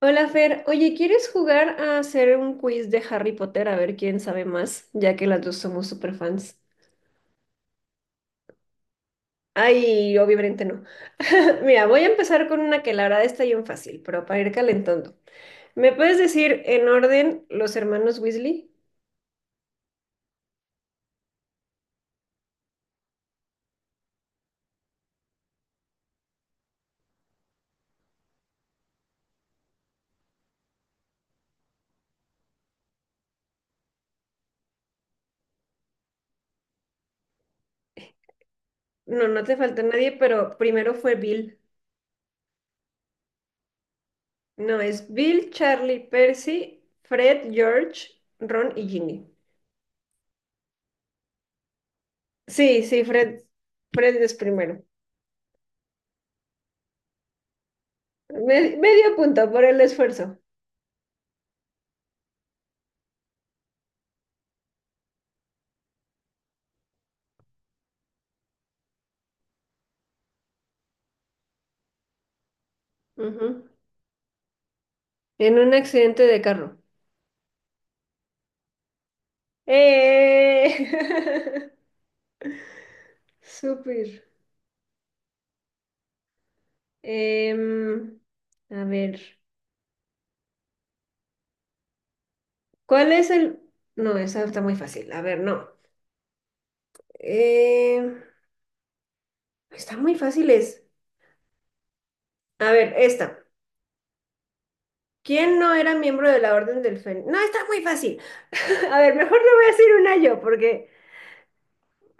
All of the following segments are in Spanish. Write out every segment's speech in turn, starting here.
Hola Fer, oye, ¿quieres jugar a hacer un quiz de Harry Potter a ver quién sabe más, ya que las dos somos super fans? Ay, obviamente no. Mira, voy a empezar con una que la verdad está bien fácil, pero para ir calentando. ¿Me puedes decir en orden los hermanos Weasley? No, no te falta nadie, pero primero fue Bill. No, es Bill, Charlie, Percy, Fred, George, Ron y Ginny. Sí, sí, Fred es primero. Medio punto por el esfuerzo. Ujú. En un accidente de carro. Eh, Súper. Em, a ver, ¿cuál es el...? No, esa está muy fácil. A ver, no. Em, Está muy fácil es. A ver, esta. ¿Quién no era miembro de la Orden del Fénix? No, está muy fácil. A ver, mejor le voy a decir una yo, porque...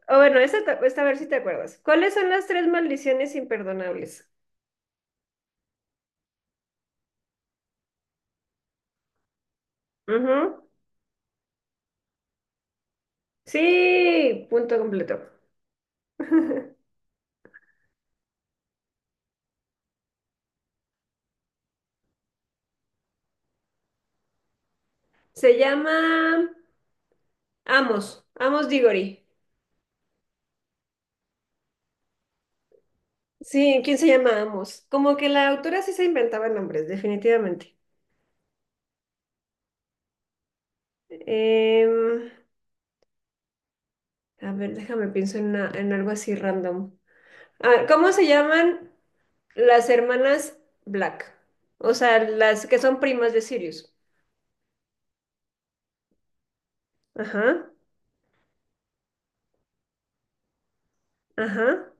O bueno, esta a ver si te acuerdas. ¿Cuáles son las tres maldiciones imperdonables? Ujú. Sí, punto completo. Se llama... Amos Diggory. Sí, ¿quién se llama Amos? Como que la autora sí se inventaba nombres, definitivamente. Em, a ver, déjame pienso en algo así random. Ah, ¿cómo se llaman las hermanas Black? O sea, las que son primas de Sirius. Ajá, ajá.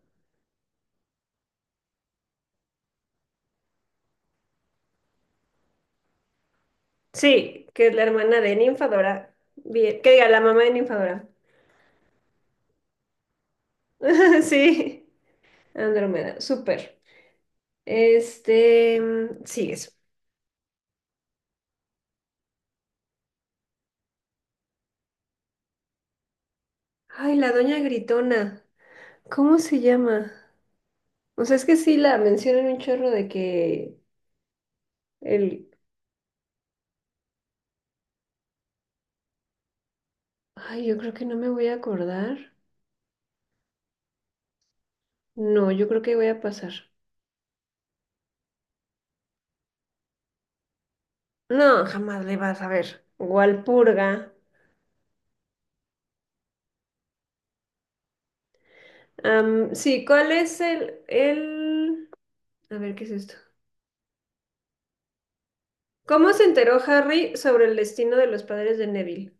Sí, que es la hermana de Ninfadora. Bien, que diga, la mamá de Ninfadora. Sí, Andrómeda, súper. Este, sigues. Ay, la doña Gritona. ¿Cómo se llama? O sea, es que sí la mencionan un chorro de que el... Ay, yo creo que no me voy a acordar. No, yo creo que voy a pasar. No, jamás le vas a ver. Walpurga. Sí, ¿cuál es el... A ver, ¿qué es esto? ¿Cómo se enteró Harry sobre el destino de los padres de Neville?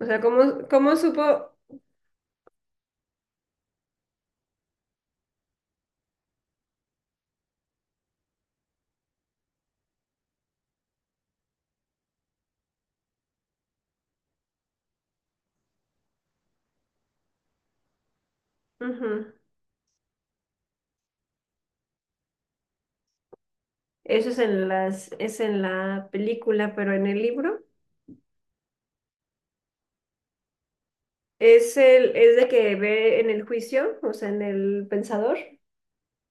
O sea, ¿cómo supo...? Ujú. Eso es en es en la película, pero en el libro. Es es de que ve en el juicio, o sea, en el pensador,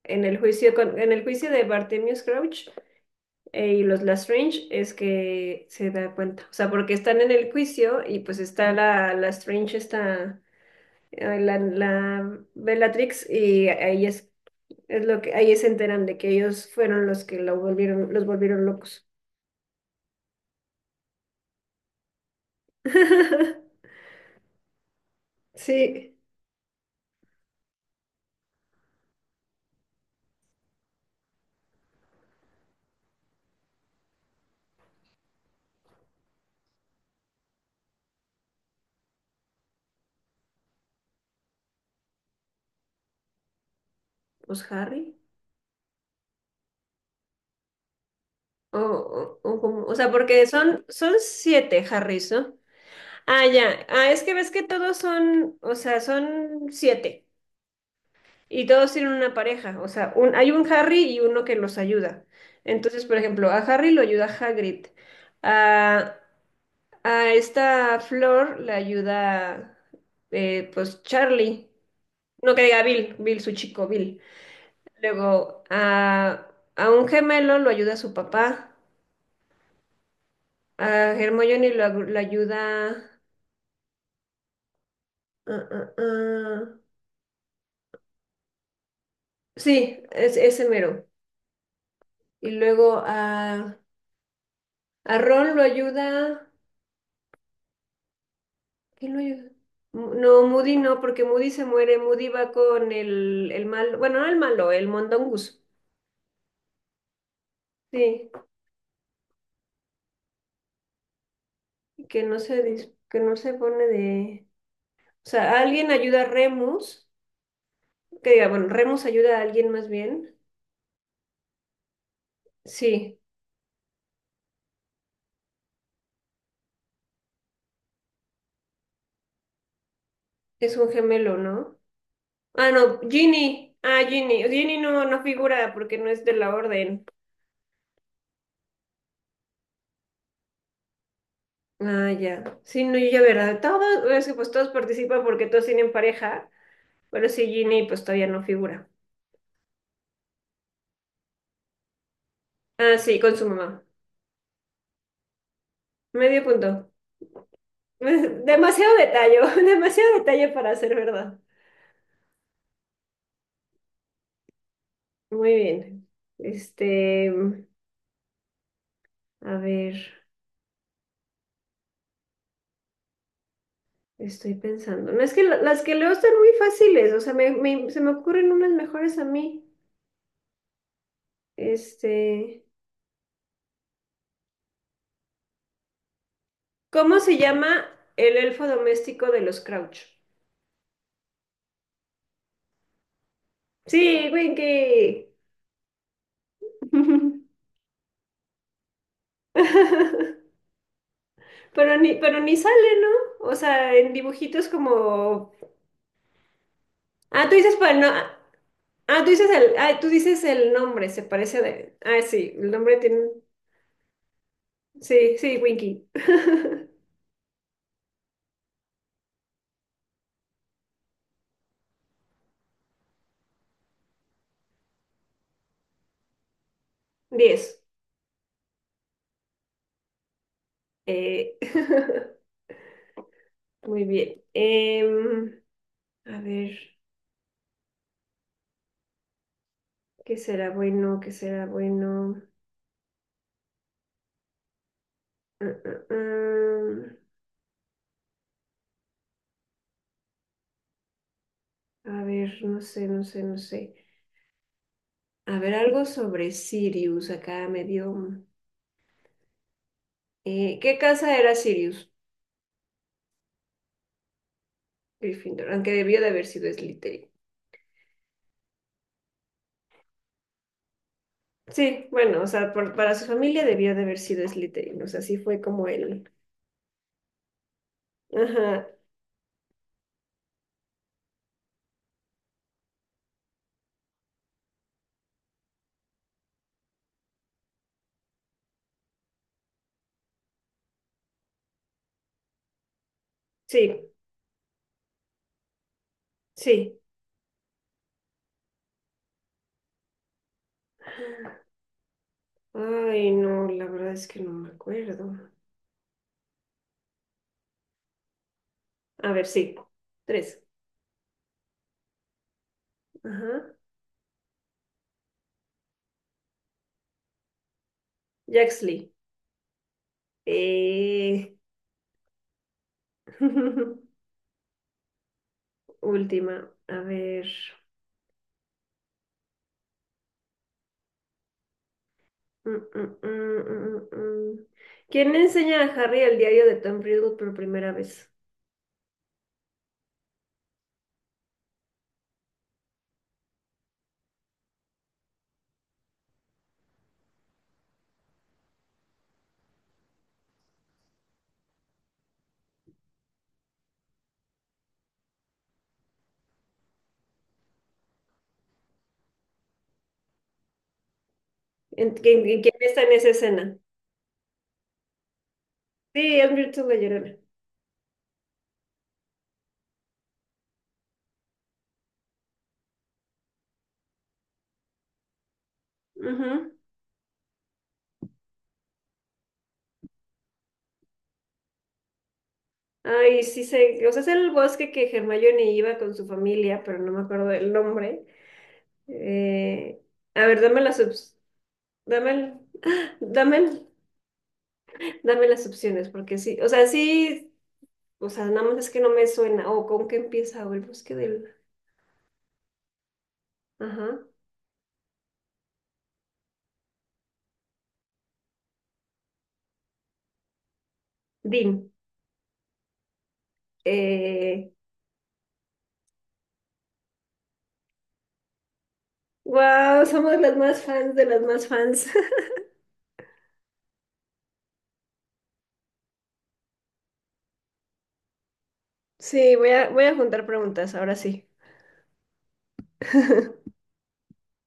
en el juicio de Bartemius Crouch, y los Lestrange es que se da cuenta. O sea, porque están en el juicio y pues está la Lestrange, está la Bellatrix, y ahí es lo que ahí se enteran de que ellos fueron los que lo volvieron, los volvieron locos. Sí, pues Harry. O sea, porque son siete Harrys, ¿no? Ah, ya. Ah, es que ves que todos son, o sea, son siete y todos tienen una pareja. O sea, hay un Harry y uno que los ayuda. Entonces, por ejemplo, a Harry lo ayuda Hagrid. A, a esta Flor le ayuda, pues, Charlie. No que diga Bill, Bill, su chico, Bill. Luego, a un gemelo lo ayuda su papá. A Hermione lo ayuda... ah, ah, ah. Sí, es, ese mero. Y luego a Ron lo ayuda. ¿Quién lo ayuda? No, Moody no, porque Moody se muere. Moody va con el malo, bueno, no el malo, el Mondongus. Sí, que no se pone de... O sea, alguien ayuda a Remus, que diga, bueno, Remus ayuda a alguien más bien. Sí, es un gemelo, ¿no? Ah, no, Ginny. Ah, Ginny. Ginny no, no figura porque no es de la orden. Ah, ya. Sí, no, yo ya, ¿verdad? Todos, es que pues todos participan porque todos tienen pareja. Pero sí, Ginny pues todavía no figura. Ah, sí, con su mamá. Medio punto. Demasiado detalle, demasiado detalle para ser verdad. Muy bien. Este, a ver, estoy pensando. No es que las que leo están muy fáciles, o sea, se me ocurren unas mejores a mí. Este, ¿cómo se llama el elfo doméstico de los Crouch? Sí, Winky. Pero ni sale, ¿no? O sea, en dibujitos como... Ah, tú dices para el no. Ah, tú dices el nombre, se parece de. Ah, sí, el nombre tiene. Sí, sí, Winky. 10. Eh, Muy bien. A ver, ¿qué será bueno? ¿Qué será bueno? Mm, mm, mm. A ver, no sé, no sé, no sé. A ver, algo sobre Sirius. Acá me dio. ¿Qué casa era Sirius? Gryffindor, aunque debió de haber sido Slytherin. Sí, bueno, o sea, para su familia debió de haber sido Slytherin, o sea, sí fue como él. Ajá, sí, sí. Ay, no, la verdad es que no me acuerdo. A ver, sí, tres. Ajá. Jaxley. Eh... Última, a ver. Mm, mm, mm, mm, mm, mm. ¿Quién le enseña a Harry el diario de Tom Riddle por primera vez? ¿Quién está en esa escena? Sí, es Myrtle la Llorona. Ujú. Ay, sí sé, o sea, es el bosque que Hermione iba con su familia, pero no me acuerdo del nombre. Eh, a ver, dame ¡ah! Dame dame las opciones, porque sí, o sea, nada más es que no me suena. O ¿con qué empieza? O el bosque del, ajá, Dean. Eh, wow, somos las más fans de las más fans. Sí, voy a juntar preguntas, ahora sí.